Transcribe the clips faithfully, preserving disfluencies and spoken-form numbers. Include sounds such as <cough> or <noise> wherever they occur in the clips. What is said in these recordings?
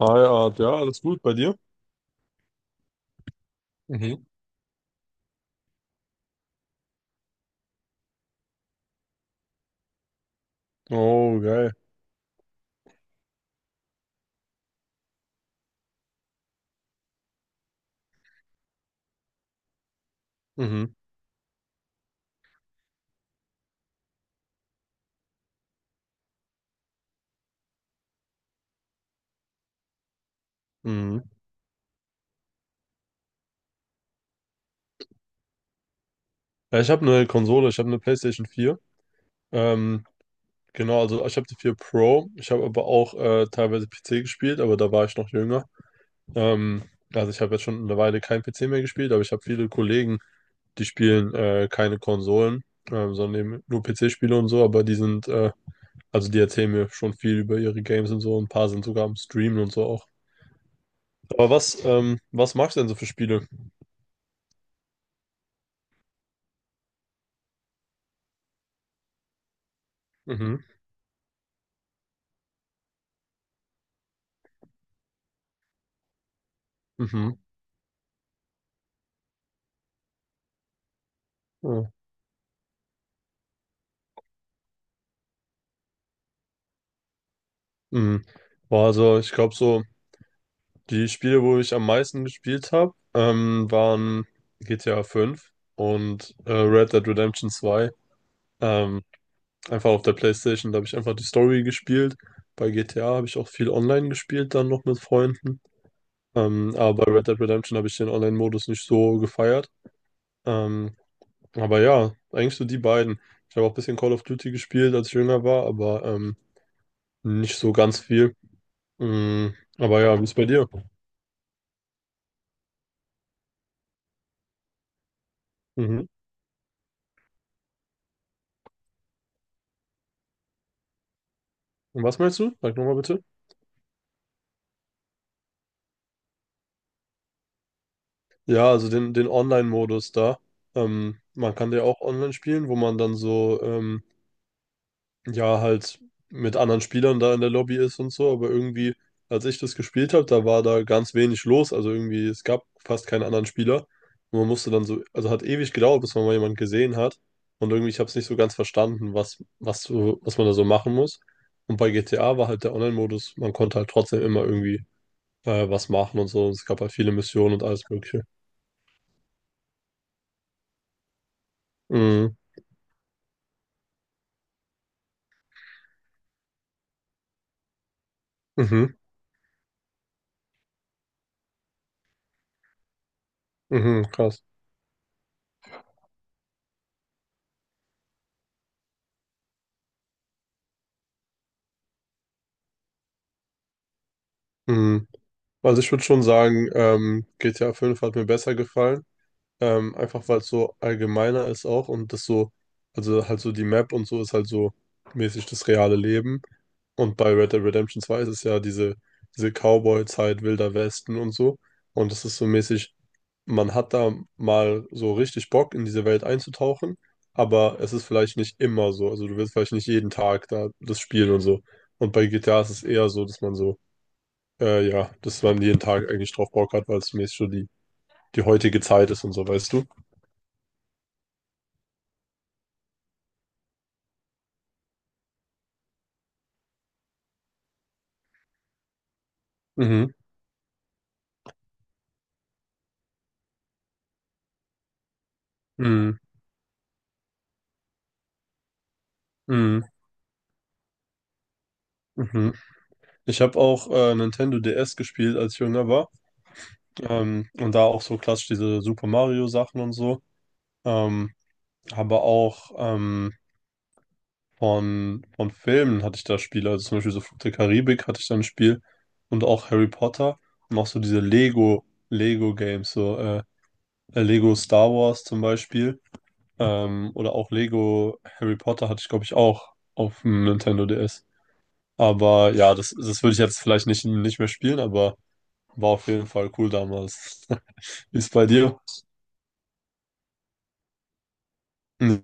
Hi, Art, ja, alles gut bei dir? Mhm. Oh, geil. Mhm. Mhm. Ja, ich habe eine Konsole, ich habe eine PlayStation vier. Ähm, genau, also ich habe die vier Pro. Ich habe aber auch äh, teilweise P C gespielt, aber da war ich noch jünger. Ähm, also ich habe jetzt schon eine Weile kein P C mehr gespielt, aber ich habe viele Kollegen, die spielen äh, keine Konsolen, ähm, sondern eben nur P C-Spiele und so, aber die sind, äh, also die erzählen mir schon viel über ihre Games und so. Ein paar sind sogar am Streamen und so auch. Aber was, ähm, was magst du denn so für Spiele? Mhm. Mhm. Ja. Mhm. Boah, also ich glaube so, die Spiele, wo ich am meisten gespielt habe, ähm, waren G T A fünf und äh, Red Dead Redemption zwei. Ähm, einfach auf der PlayStation, da habe ich einfach die Story gespielt. Bei G T A habe ich auch viel online gespielt, dann noch mit Freunden. Ähm, aber bei Red Dead Redemption habe ich den Online-Modus nicht so gefeiert. Ähm, aber ja, eigentlich so die beiden. Ich habe auch ein bisschen Call of Duty gespielt, als ich jünger war, aber ähm, nicht so ganz viel. Mhm. Aber ja, wie ist bei dir? Mhm. Und was meinst du? Sag nochmal bitte. Ja, also den, den Online-Modus da. Ähm, man kann ja auch online spielen, wo man dann so, ähm, ja, halt mit anderen Spielern da in der Lobby ist und so. Aber irgendwie, als ich das gespielt habe, da war da ganz wenig los. Also irgendwie, es gab fast keinen anderen Spieler. Und man musste dann so, also hat ewig gedauert, bis man mal jemanden gesehen hat. Und irgendwie, ich habe es nicht so ganz verstanden, was, was, so- was man da so machen muss. Und bei G T A war halt der Online-Modus, man konnte halt trotzdem immer irgendwie äh, was machen und so. Es gab halt viele Missionen und alles Mögliche. Mhm. Mhm. Mhm. Krass. Mhm. Also ich würde schon sagen, ähm, G T A fünf hat mir besser gefallen. Ähm, einfach weil es so allgemeiner ist auch und das so, also halt so die Map und so ist halt so mäßig das reale Leben. Und bei Red Dead Redemption zwei ist es ja diese, diese Cowboy-Zeit, Wilder Westen und so. Und das ist so mäßig, man hat da mal so richtig Bock, in diese Welt einzutauchen, aber es ist vielleicht nicht immer so. Also du willst vielleicht nicht jeden Tag da das spielen und so. Und bei G T A ist es eher so, dass man so, äh, ja, dass man jeden Tag eigentlich drauf Bock hat, weil es zumindest schon die, die heutige Zeit ist und so, weißt du? Mhm. Mhm. Mhm. Mhm. Ich habe auch äh, Nintendo D S gespielt, als ich jünger war. Ähm, und da auch so klassisch diese Super Mario Sachen und so. Ähm, aber auch ähm, Von, von Filmen hatte ich da Spiele, also zum Beispiel so Fluch der Karibik hatte ich da ein Spiel und auch Harry Potter und auch so diese Lego, Lego Games, so äh, äh, Lego Star Wars zum Beispiel, ähm, oder auch Lego Harry Potter hatte ich, glaube ich, auch auf dem Nintendo D S. Aber ja, das, das würde ich jetzt vielleicht nicht, nicht mehr spielen, aber war auf jeden Fall cool damals. <laughs> Wie ist bei dir?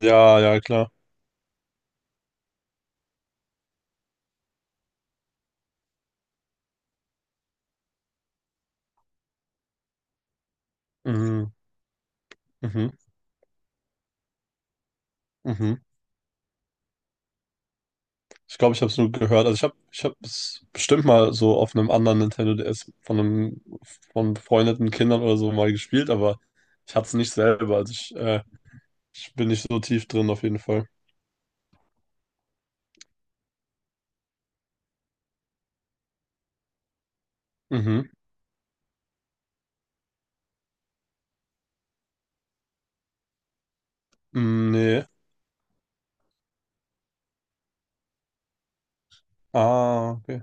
Ja, ja, klar. Mhm, mhm, mhm. Ich glaube, ich habe es nur gehört. Also ich habe ich habe es bestimmt mal so auf einem anderen Nintendo D S von einem von befreundeten Kindern oder so mal gespielt, aber ich hatte es nicht selber. Also ich, äh, ich bin nicht so tief drin auf jeden Fall. Mhm. Mm, nee. Ah, okay.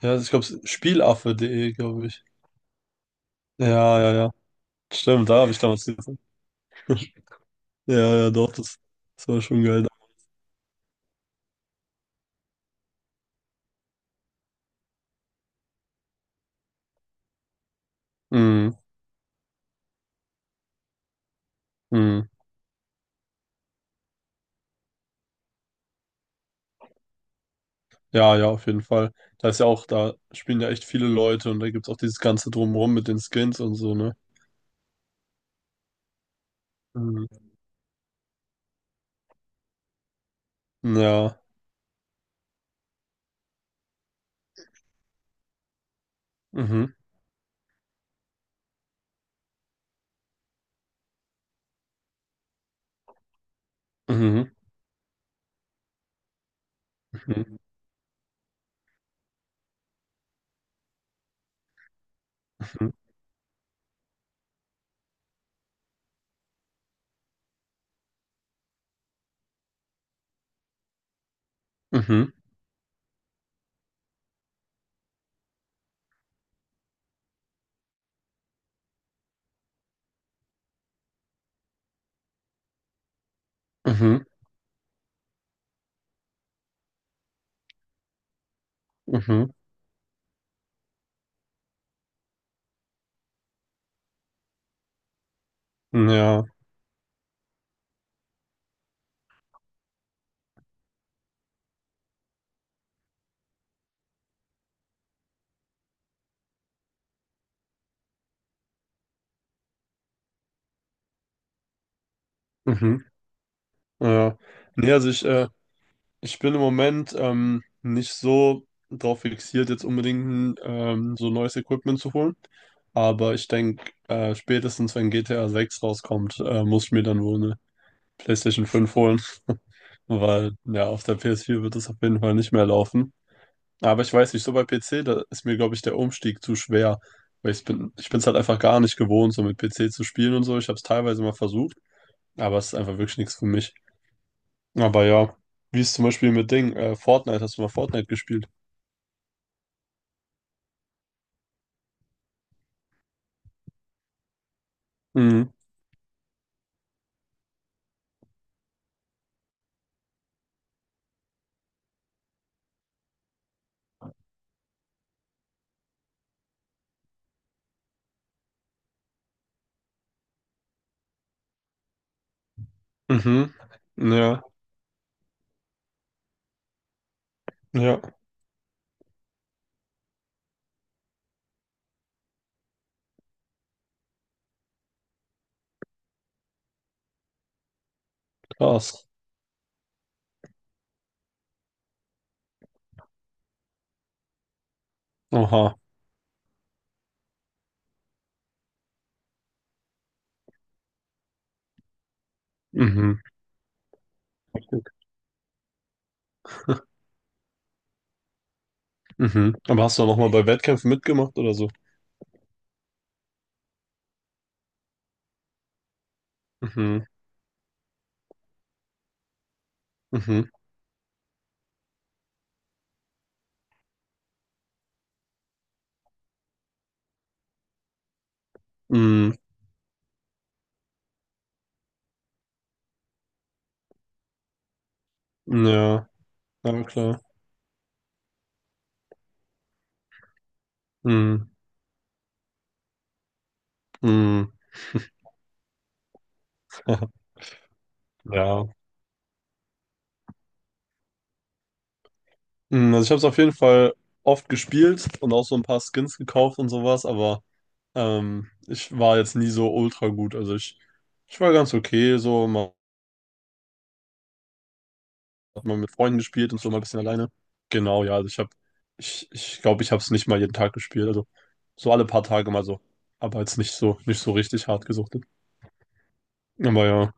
Ja, also ich glaube, Spielaffe.de, glaube ich. Ja, ja, ja. Stimmt, da habe ich damals gesehen. Ja, ja, doch, das, das war schon geil. Mhm. Mhm. Ja, ja, auf jeden Fall. Da ist ja auch, da spielen ja echt viele Leute und da gibt es auch dieses ganze Drumherum mit den Skins und so, ne? Mm. Ja. Mhm. Mhm. Mhm. Mhm. Mhm. Mhm. Mhm. Mhm, ja. Mhm. Ja. Nee, also ich, äh, ich bin im Moment ähm, nicht so drauf fixiert, jetzt unbedingt ähm, so neues Equipment zu holen. Aber ich denke, äh, spätestens wenn G T A sechs rauskommt, äh, muss ich mir dann wohl eine PlayStation fünf holen. <laughs> Weil, ja, auf der P S vier wird es auf jeden Fall nicht mehr laufen. Aber ich weiß nicht, so bei P C, da ist mir, glaube ich, der Umstieg zu schwer. Weil ich bin, ich bin es halt einfach gar nicht gewohnt, so mit P C zu spielen und so. Ich habe es teilweise mal versucht, aber es ist einfach wirklich nichts für mich. Aber ja, wie ist zum Beispiel mit Ding, äh, Fortnite, hast du mal Fortnite gespielt? Mhm. Mhm. Ja, ja, krass. Oha. Mhm. Mhm. Aber hast du auch noch mal bei Wettkämpfen mitgemacht oder so? Mhm. Mhm. Mhm. Ja, na klar. Mhm. Mhm. <laughs> Ja. Mm, also ich habe es auf jeden Fall oft gespielt und auch so ein paar Skins gekauft und sowas, aber ähm, ich war jetzt nie so ultra gut. Also ich, ich war ganz okay, so mal, hat mal mit Freunden gespielt und so mal ein bisschen alleine. Genau, ja, also ich habe, ich, ich glaube, ich habe es nicht mal jeden Tag gespielt, also so alle paar Tage mal so, aber jetzt nicht so, nicht so richtig hart gesuchtet. Aber ja,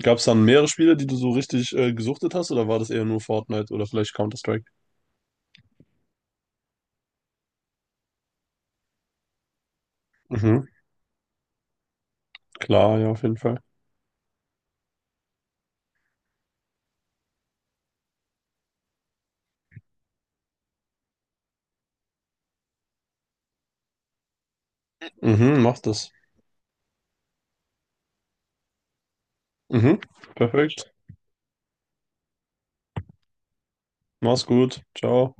gab es dann mehrere Spiele, die du so richtig äh, gesuchtet hast oder war das eher nur Fortnite oder vielleicht Counter-Strike? Mhm, klar, ja, auf jeden Fall. Mhm, mach das. Mhm, perfekt. Mach's gut. Ciao.